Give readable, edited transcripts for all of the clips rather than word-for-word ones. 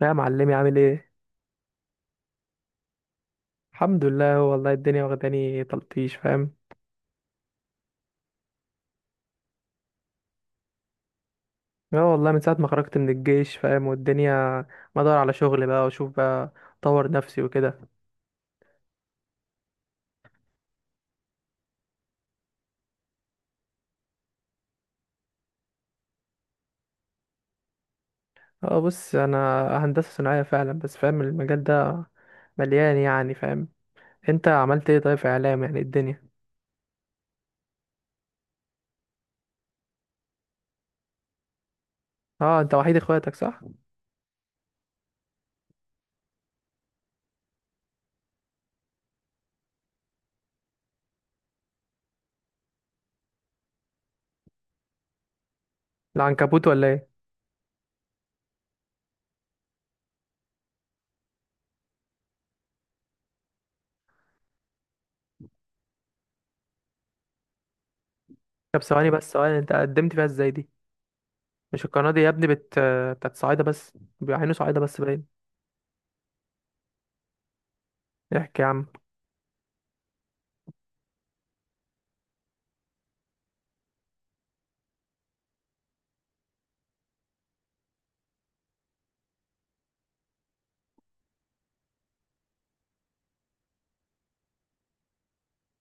لا يا معلمي، عامل ايه؟ الحمد لله، والله الدنيا واخداني تلطيش فاهم. اه والله من ساعه ما خرجت من الجيش فاهم، والدنيا ما ادور على شغل بقى واشوف بقى، اطور نفسي وكده. اه بص انا هندسه صناعيه فعلا، بس فاهم المجال ده مليان يعني فاهم. انت عملت ايه طيب في اعلام، يعني الدنيا؟ اه، انت وحيد اخواتك صح؟ العنكبوت ولا ايه؟ طب ثواني بس، ثواني، انت قدمت فيها ازاي دي؟ مش القناه دي يا ابني بت بتاعت صعايده بس، بيعينوا صعايده بس باين. احكي يا عم.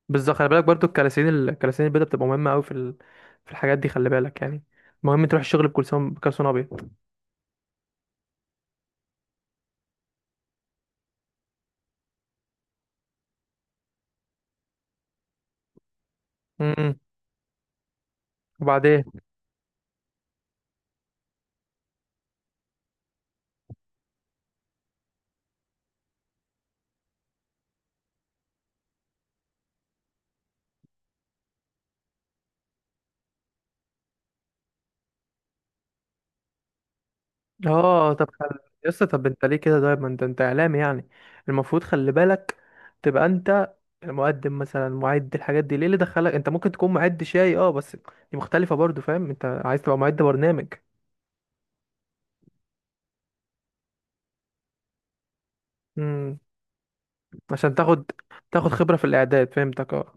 بالظبط، خلي بالك برضو الكلاسين الكلاسين البيضاء بتبقى مهمه قوي في ال... في الحاجات دي خلي بالك يعني. مهم تروح الشغل بكلسون، بكلسون ابيض. امم وبعدين؟ اه طب خل... يس، طب انت ليه كده طيب؟ ما انت اعلامي يعني، المفروض خلي بالك تبقى انت المقدم مثلا، معد الحاجات دي. ليه اللي دخلك انت ممكن تكون معد شاي؟ اه بس دي مختلفه برضو فاهم، انت عايز تبقى معد برنامج عشان تاخد تاخد خبرة في الإعداد، فهمتك اه.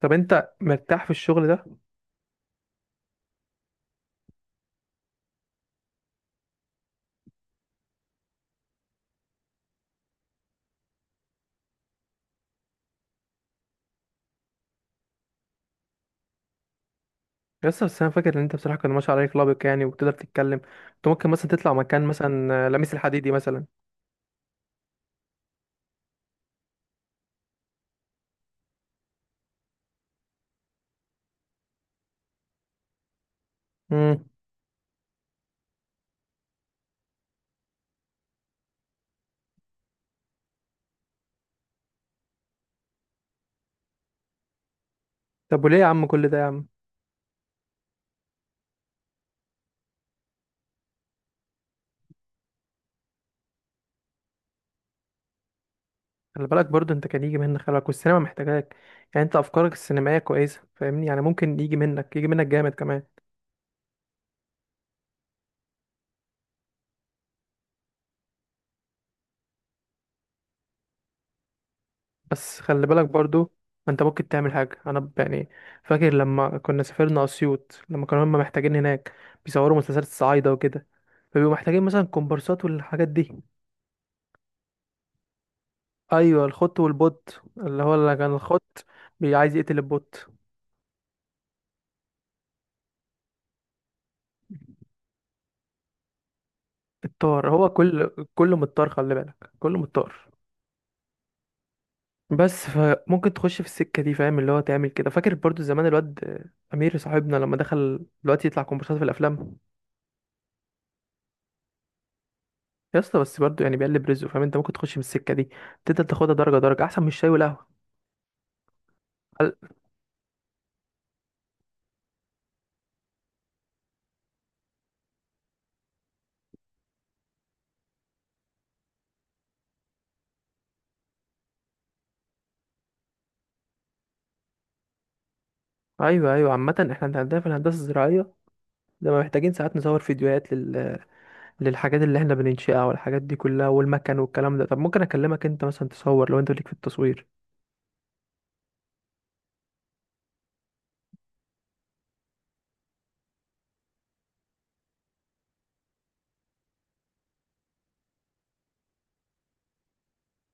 طب انت مرتاح في الشغل ده؟ بس انا فاكر ان انت بصراحة كان ما شاء الله عليك لابق يعني، وبتقدر تتكلم. انت ممكن مثلا تطلع مكان مثلا لميس الحديدي مثلا. امم. طب وليه يا عم كل ده يا عم؟ خلي بالك برضه انت كان يجي منك، خلي بالك، والسينما محتاجاك. يعني انت افكارك السينمائية كويسة فاهمني، يعني ممكن يجي منك، يجي منك جامد كمان. بس خلي بالك برضو، ما انت ممكن تعمل حاجة. انا يعني فاكر لما كنا سافرنا اسيوط، لما كانوا هم محتاجين هناك بيصوروا مسلسلات الصعايدة وكده، فبيبقوا محتاجين مثلا كومبارسات والحاجات دي. ايوه، الخط والبوت اللي هو اللي كان الخط عايز يقتل البوت. الطار هو كل، كله متطار، خلي بالك كله متطار. بس فممكن تخش في السكة دي فاهم، اللي هو تعمل كده. فاكر برضو زمان الواد امير صاحبنا لما دخل دلوقتي يطلع كومبارسات في الافلام؟ يا اسطى بس برضه يعني بيقلب رزقه فاهم، انت ممكن تخش من السكه دي، تقدر تاخدها درجه درجه احسن من الشاي والقهوه. هل- ايوه ايوه. عامه احنا عندنا في الهندسه الزراعيه لما محتاجين ساعات نصور فيديوهات لل... للحاجات اللي احنا بننشئها والحاجات دي كلها، والمكن والكلام ده. طب ممكن اكلمك انت مثلا تصور، لو انت ليك في التصوير.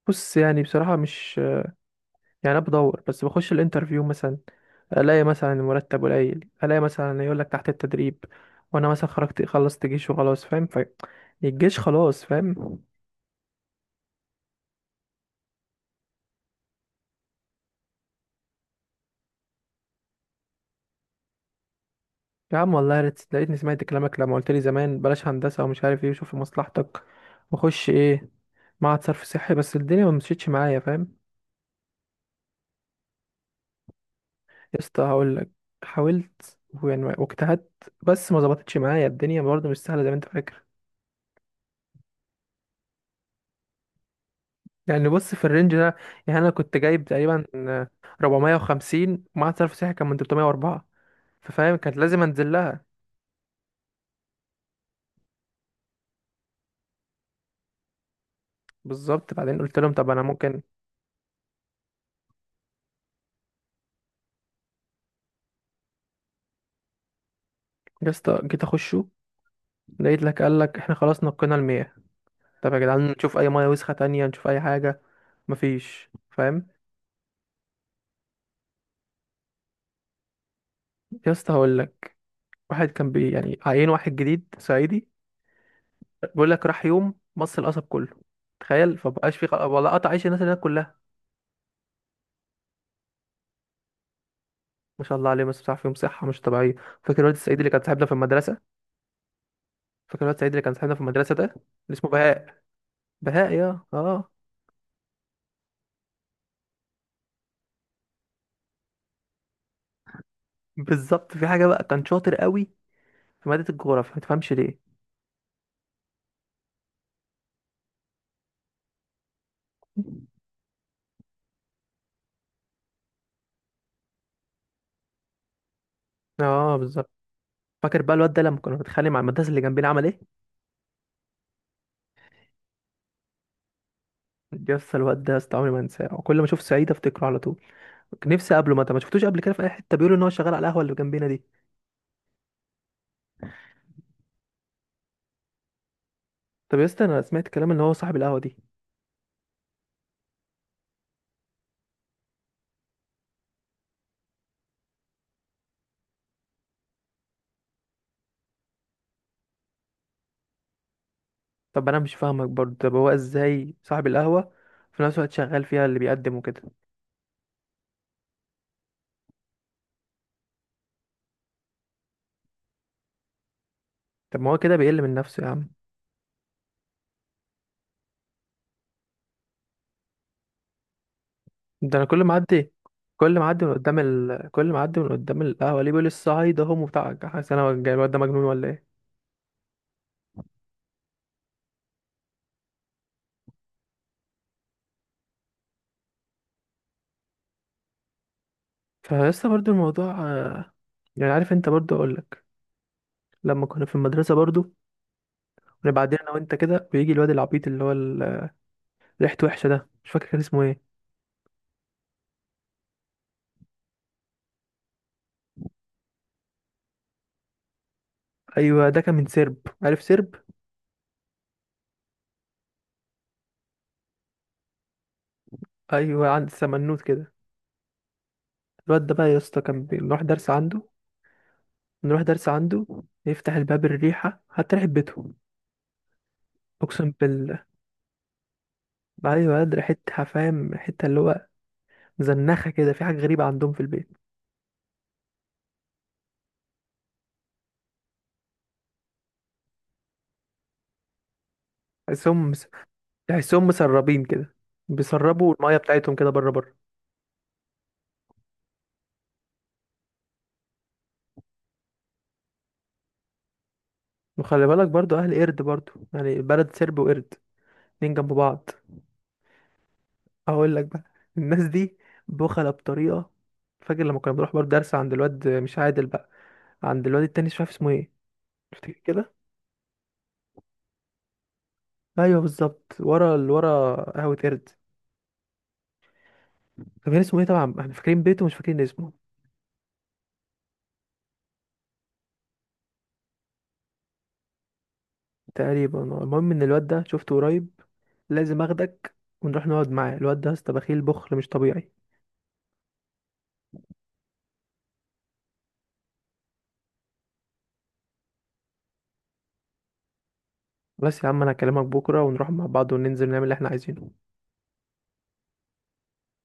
بص يعني بصراحه مش يعني، انا بدور بس بخش الانترفيو مثلا الاقي مثلا المرتب قليل، الاقي مثلا يقول لك تحت التدريب، وانا مثلا خرجت خلصت جيش وخلاص فاهم، ف الجيش خلاص فاهم. يا عم والله يا ريت لقيتني سمعت كلامك لما قلت لي زمان بلاش هندسة ومش عارف ايه، وشوف لمصلحتك وخش ايه معهد صرف صحي، بس الدنيا ما مشيتش معايا فاهم. يا اسطى هقول لك، حاولت ويعني واجتهدت، بس ما ظبطتش معايا الدنيا، برضه مش سهلة زي ما انت فاكر. يعني بص في الرينج ده، يعني انا كنت جايب تقريبا 450. معهد صرف صحي كان من 304، ففاهم كانت لازم انزل لها. بالظبط. بعدين قلت لهم طب انا ممكن. يا اسطى جيت اخشه، لقيت لك قال لك احنا خلاص نقينا ال 100. طب يا جدعان نشوف اي ميه وسخه تانية، نشوف اي حاجه. مفيش فاهم. يا اسطى هقول لك، واحد كان بي يعني عيين واحد جديد صعيدي. بيقول لك راح يوم مص القصب كله، تخيل، فبقاش في خ... والله قطع عيش الناس اللي هناك كلها. ما شاء الله عليه، بس بتاع فيهم صحه مش طبيعيه. فاكر الواد الصعيدي اللي كان صاحبنا في المدرسه؟ فاكر الواد الصعيدي اللي كان صاحبنا في المدرسه ده اللي اسمه بهاء. بهاء يا اه. بالظبط. في حاجه بقى كان شاطر قوي في ماده الجغرافيا، ما تفهمش ليه؟ اه بالظبط. فاكر بقى الواد ده لما كنا بنتخانق مع المدرسه اللي جنبنا عمل ايه؟ يس، الواد ده يا اسطى عمري ما انساه، وكل ما اشوف سعيد افتكره على طول. نفسي اقابله، ما شفتوش قبل كده في اي حته؟ بيقولوا ان هو شغال على القهوه اللي جنبنا دي. طب يا اسطى انا سمعت كلام ان هو صاحب القهوه دي. طب انا مش فاهمك برضه، طب هو ازاي صاحب القهوه في نفس الوقت شغال فيها اللي بيقدم وكده؟ طب ما هو كده بيقل من نفسه يا عم. ده انا كل ما اعدي، كل ما اعدي من قدام القهوه ليه بيقول الصعيد اهو وبتاع، حاسس انا الجاي- الواد ده مجنون ولا ايه؟ فيا اسطى برضه الموضوع يعني عارف انت برضه، اقول لك لما كنا في المدرسه برضه، يعني بعدين انا وانت كده بيجي الواد العبيط اللي هو ريحته وحشه ده، مش فاكر كان اسمه ايه. ايوه، ده كان من سرب، عارف سرب؟ ايوه عند سمنوت كده. الواد ده بقى يا اسطى كان بنروح درس عنده، نروح درس عنده. يفتح الباب، الريحه حتى ريحه بيته، اقسم بالله. ايوه ياد، ريحتها فاهم، ريحتها اللي هو مزنخه كده، في حاجه غريبه عندهم في البيت. تحسهم مس- تحسهم مسربين كده، بيسربوا الميه بتاعتهم كده بره بره. وخلي بالك برضو اهل قرد برضو، يعني بلد سرب وقرد، اتنين جنب بعض. هقول لك بقى، الناس دي بخلة بطريقة. فاكر لما كنا بنروح برضه درس عند الواد، مش عادل بقى، عند الواد التاني، مش عارف اسمه ايه، افتكر كده. ايوه بالظبط، ورا اللي ورا قهوة قرد. طب كان اسمه ايه؟ طبعا احنا فاكرين بيته مش فاكرين اسمه. تقريبا. المهم ان الواد ده شفته قريب، لازم اخدك ونروح نقعد معاه. الواد ده يا اسطى بخيل، بخل مش طبيعي. بس يا عم انا هكلمك بكره ونروح مع بعض وننزل نعمل اللي احنا عايزينه.